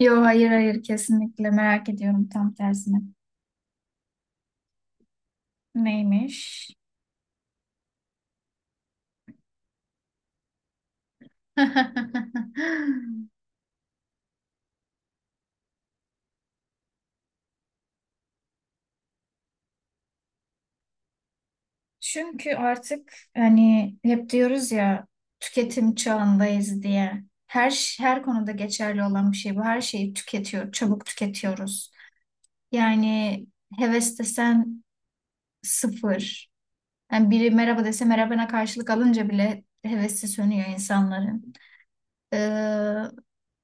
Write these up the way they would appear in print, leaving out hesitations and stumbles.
Yo, hayır, hayır, kesinlikle merak ediyorum tam tersine. Neymiş? Çünkü artık hani hep diyoruz ya tüketim çağındayız diye. Her konuda geçerli olan bir şey bu. Her şeyi tüketiyor, çabuk tüketiyoruz. Yani heves desen sıfır. Yani biri merhaba dese merhabana karşılık alınca bile hevesi sönüyor insanların. Ee,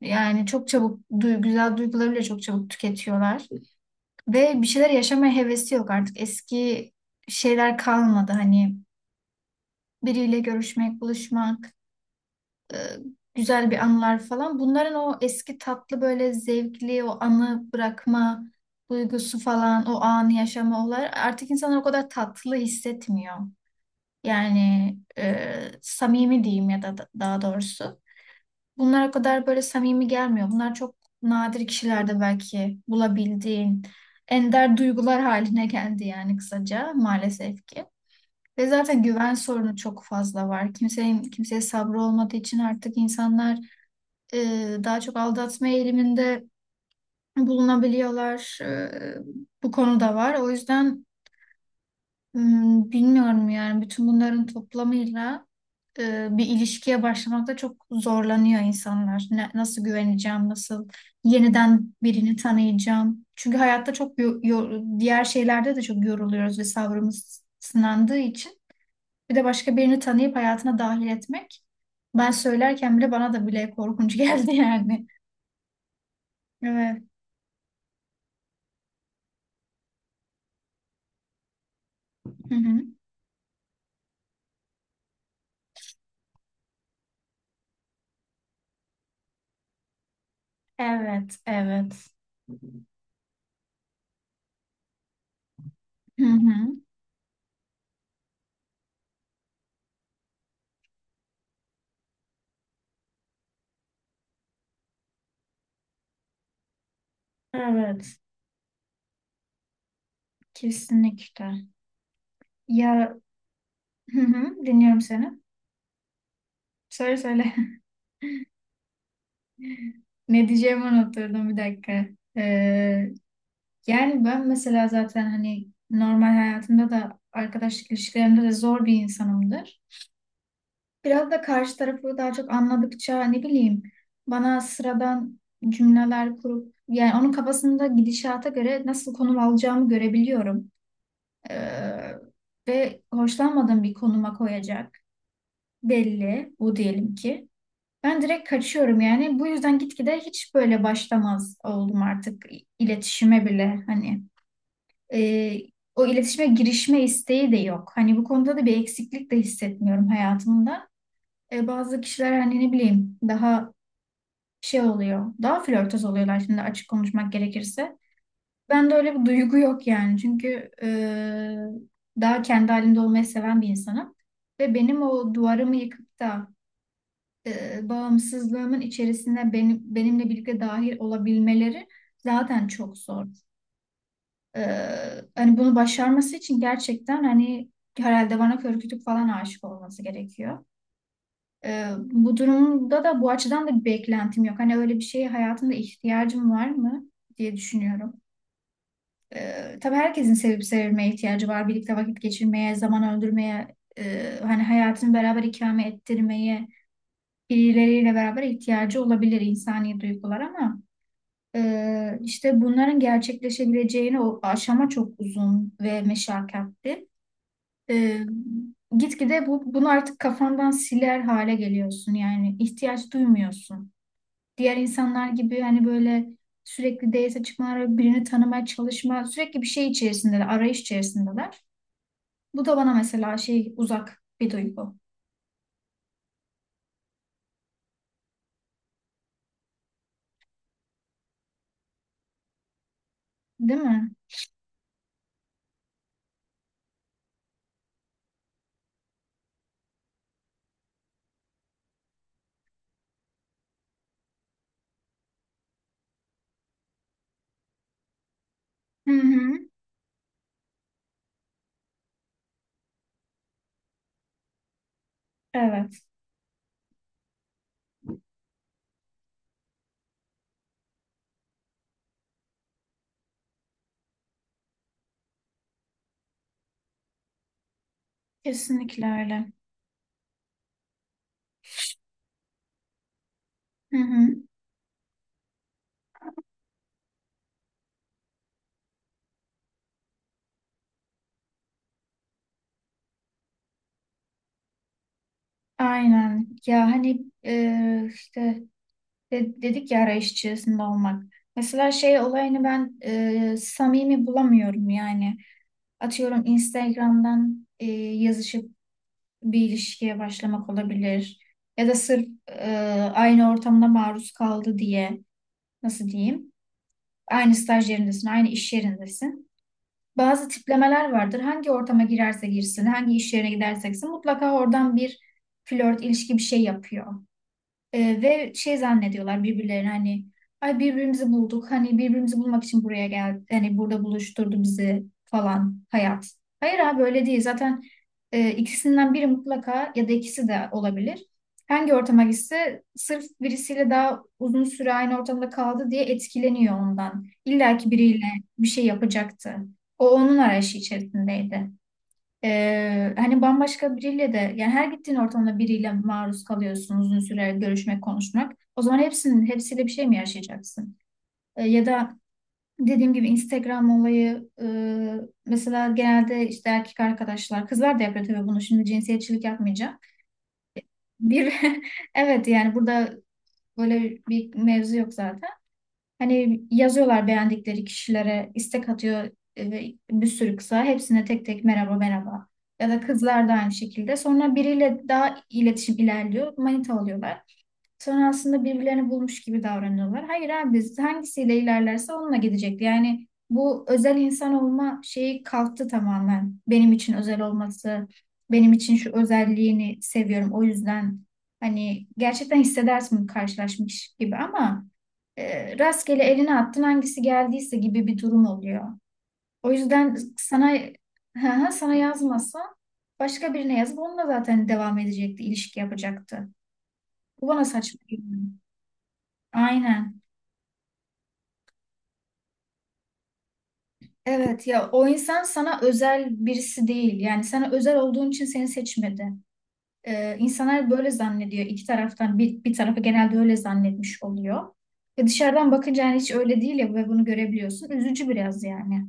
Yani çok çabuk, güzel duyguları bile çok çabuk tüketiyorlar. Ve bir şeyler yaşamaya hevesi yok artık. Eski şeyler kalmadı. Hani biriyle görüşmek, buluşmak, e, güzel bir anılar falan. Bunların o eski tatlı böyle zevkli o anı bırakma duygusu falan, o anı yaşama olar artık insanlar o kadar tatlı hissetmiyor. Yani samimi diyeyim ya daha doğrusu. Bunlar o kadar böyle samimi gelmiyor. Bunlar çok nadir kişilerde belki bulabildiğin ender duygular haline geldi yani kısaca maalesef ki. Ve zaten güven sorunu çok fazla var. Kimsenin kimseye sabrı olmadığı için artık insanlar e, daha çok aldatma eğiliminde bulunabiliyorlar. Bu konu da var. O yüzden Hmm, bilmiyorum yani bütün bunların toplamıyla bir ilişkiye başlamakta çok zorlanıyor insanlar. Nasıl güveneceğim, nasıl yeniden birini tanıyacağım. Çünkü hayatta çok diğer şeylerde de çok yoruluyoruz ve sabrımız sınandığı için. Bir de başka birini tanıyıp hayatına dahil etmek. Ben söylerken bile bana da bile korkunç geldi yani. Evet. Hı hı. Evet, evet. Hı hı. Evet, kesinlikle. Ya, hı hı, dinliyorum seni. Söyle söyle. Ne diyeceğimi unutturdum bir dakika. Ee, Yani ben mesela zaten hani normal hayatımda da arkadaşlık ilişkilerimde de zor bir insanımdır. Biraz da karşı tarafı daha çok anladıkça ne bileyim bana sıradan cümleler kurup yani onun kafasında gidişata göre nasıl konum alacağımı görebiliyorum. Ee, Ve hoşlanmadığım bir konuma koyacak belli bu diyelim ki. Ben direkt kaçıyorum yani. Bu yüzden gitgide hiç böyle başlamaz oldum artık iletişime bile. Hani, e, o iletişime girişme isteği de yok. Hani bu konuda da bir eksiklik de hissetmiyorum hayatımda. E, bazı kişiler hani ne bileyim daha şey oluyor. Daha flörtöz oluyorlar şimdi açık konuşmak gerekirse. Ben de öyle bir duygu yok yani. Çünkü daha kendi halinde olmayı seven bir insanım. Ve benim o duvarımı yıkıp da bağımsızlığımın içerisine benim benimle birlikte dahil olabilmeleri zaten çok zor. E, Hani bunu başarması için gerçekten hani herhalde bana kör kütük falan aşık olması gerekiyor. E, bu durumda da bu açıdan da bir beklentim yok. Hani öyle bir şeye hayatımda ihtiyacım var mı diye düşünüyorum. E, tabii herkesin sevip sevilmeye ihtiyacı var. Birlikte vakit geçirmeye, zaman öldürmeye, hani hayatını beraber ikame ettirmeye birileriyle beraber ihtiyacı olabilir insani duygular ama işte bunların gerçekleşebileceğini o aşama çok uzun ve meşakkatli. E, Gitgide bunu artık kafandan siler hale geliyorsun yani ihtiyaç duymuyorsun. Diğer insanlar gibi hani böyle sürekli date çıkmalar, birini tanımaya çalışma, sürekli bir şey içerisindeler, arayış içerisindeler. Bu da bana mesela şey uzak bir duygu, değil mi? Hı hı. Evet, kesinlikle öyle. Hı hı. Aynen. Ya hani işte dedik ya arayış içerisinde olmak. Mesela şey olayını ben samimi bulamıyorum yani. Atıyorum Instagram'dan yazışıp bir ilişkiye başlamak olabilir. Ya da sırf aynı ortamda maruz kaldı diye nasıl diyeyim? Aynı staj yerindesin, aynı iş yerindesin. Bazı tiplemeler vardır. Hangi ortama girerse girsin, hangi iş yerine giderse gitsin mutlaka oradan bir flört, ilişki bir şey yapıyor. Ve şey zannediyorlar birbirlerine hani ay birbirimizi bulduk. Hani birbirimizi bulmak için buraya geldi. Hani burada buluşturdu bizi falan hayat. Hayır abi öyle değil. Zaten ikisinden biri mutlaka ya da ikisi de olabilir. Hangi ortama gitse sırf birisiyle daha uzun süre aynı ortamda kaldı diye etkileniyor ondan. İlla ki biriyle bir şey yapacaktı. O onun arayışı içerisindeydi. Hani bambaşka biriyle de yani her gittiğin ortamda biriyle maruz kalıyorsun uzun süre görüşmek, konuşmak. O zaman hepsinin hepsiyle bir şey mi yaşayacaksın? Ya da dediğim gibi Instagram olayı, mesela genelde işte erkek arkadaşlar kızlar da yapıyor tabii bunu, şimdi cinsiyetçilik yapmayacağım. Bir evet yani burada böyle bir mevzu yok zaten. Hani yazıyorlar beğendikleri kişilere istek atıyor, ve bir sürü kısa. Hepsine tek tek merhaba merhaba. Ya da kızlar da aynı şekilde. Sonra biriyle daha iletişim ilerliyor. Manita oluyorlar. Sonra aslında birbirlerini bulmuş gibi davranıyorlar. Hayır abi biz hangisiyle ilerlerse onunla gidecek. Yani bu özel insan olma şeyi kalktı tamamen. Benim için özel olması, benim için şu özelliğini seviyorum. O yüzden hani gerçekten hissedersin karşılaşmış gibi ama rastgele eline attın hangisi geldiyse gibi bir durum oluyor. O yüzden sana sana yazmasa başka birine yazıp onunla zaten devam edecekti, ilişki yapacaktı. Bu bana saçma geliyor. Aynen. Evet ya, o insan sana özel birisi değil. Yani sana özel olduğun için seni seçmedi. İnsanlar böyle zannediyor. İki taraftan bir tarafı genelde öyle zannetmiş oluyor. Ve dışarıdan bakınca yani hiç öyle değil ya ve bunu görebiliyorsun. Üzücü biraz yani.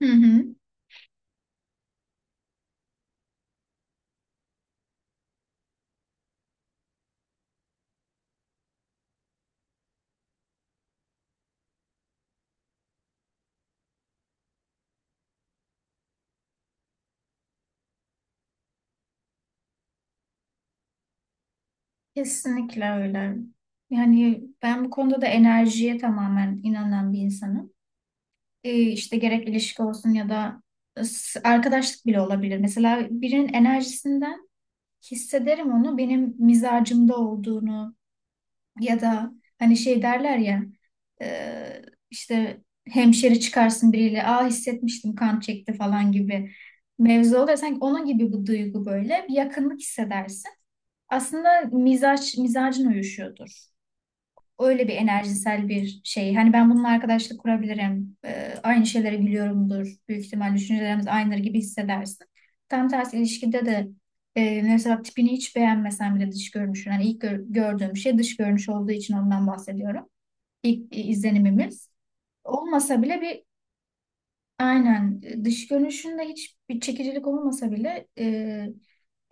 Hı hı. Kesinlikle öyle. Yani ben bu konuda da enerjiye tamamen inanan bir insanım. İşte gerek ilişki olsun ya da arkadaşlık bile olabilir. Mesela birinin enerjisinden hissederim onu benim mizacımda olduğunu ya da hani şey derler ya, e, işte hemşeri çıkarsın biriyle, aa hissetmiştim kan çekti falan gibi mevzu oluyor. Sanki onun gibi bu duygu böyle bir yakınlık hissedersin. Aslında mizaç, mizacın uyuşuyordur, öyle bir enerjisel bir şey. Hani ben bununla arkadaşlık kurabilirim. Aynı şeylere gülüyorumdur. Büyük ihtimal düşüncelerimiz aynıdır gibi hissedersin. Tam tersi ilişkide de mesela tipini hiç beğenmesen bile dış görünüşün. Hani gördüğüm şey dış görünüş olduğu için ondan bahsediyorum. İlk izlenimimiz. Olmasa bile bir, aynen, dış görünüşünde hiç bir çekicilik olmasa bile,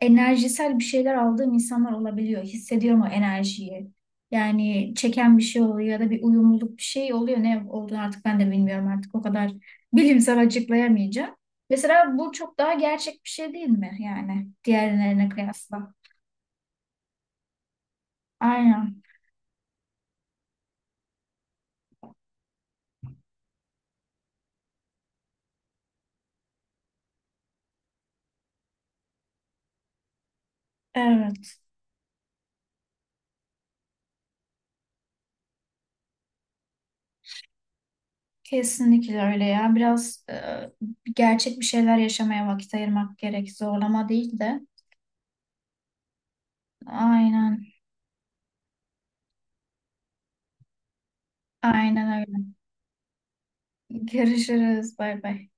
enerjisel bir şeyler aldığım insanlar olabiliyor. Hissediyorum o enerjiyi. Yani çeken bir şey oluyor ya da bir uyumluluk bir şey oluyor. Ne olduğunu artık ben de bilmiyorum artık, o kadar bilimsel açıklayamayacağım. Mesela bu çok daha gerçek bir şey değil mi yani diğerlerine kıyasla? Aynen. Evet, kesinlikle öyle ya. Biraz gerçek bir şeyler yaşamaya vakit ayırmak gerek. Zorlama değil de. Aynen, aynen öyle. Görüşürüz. Bay bay.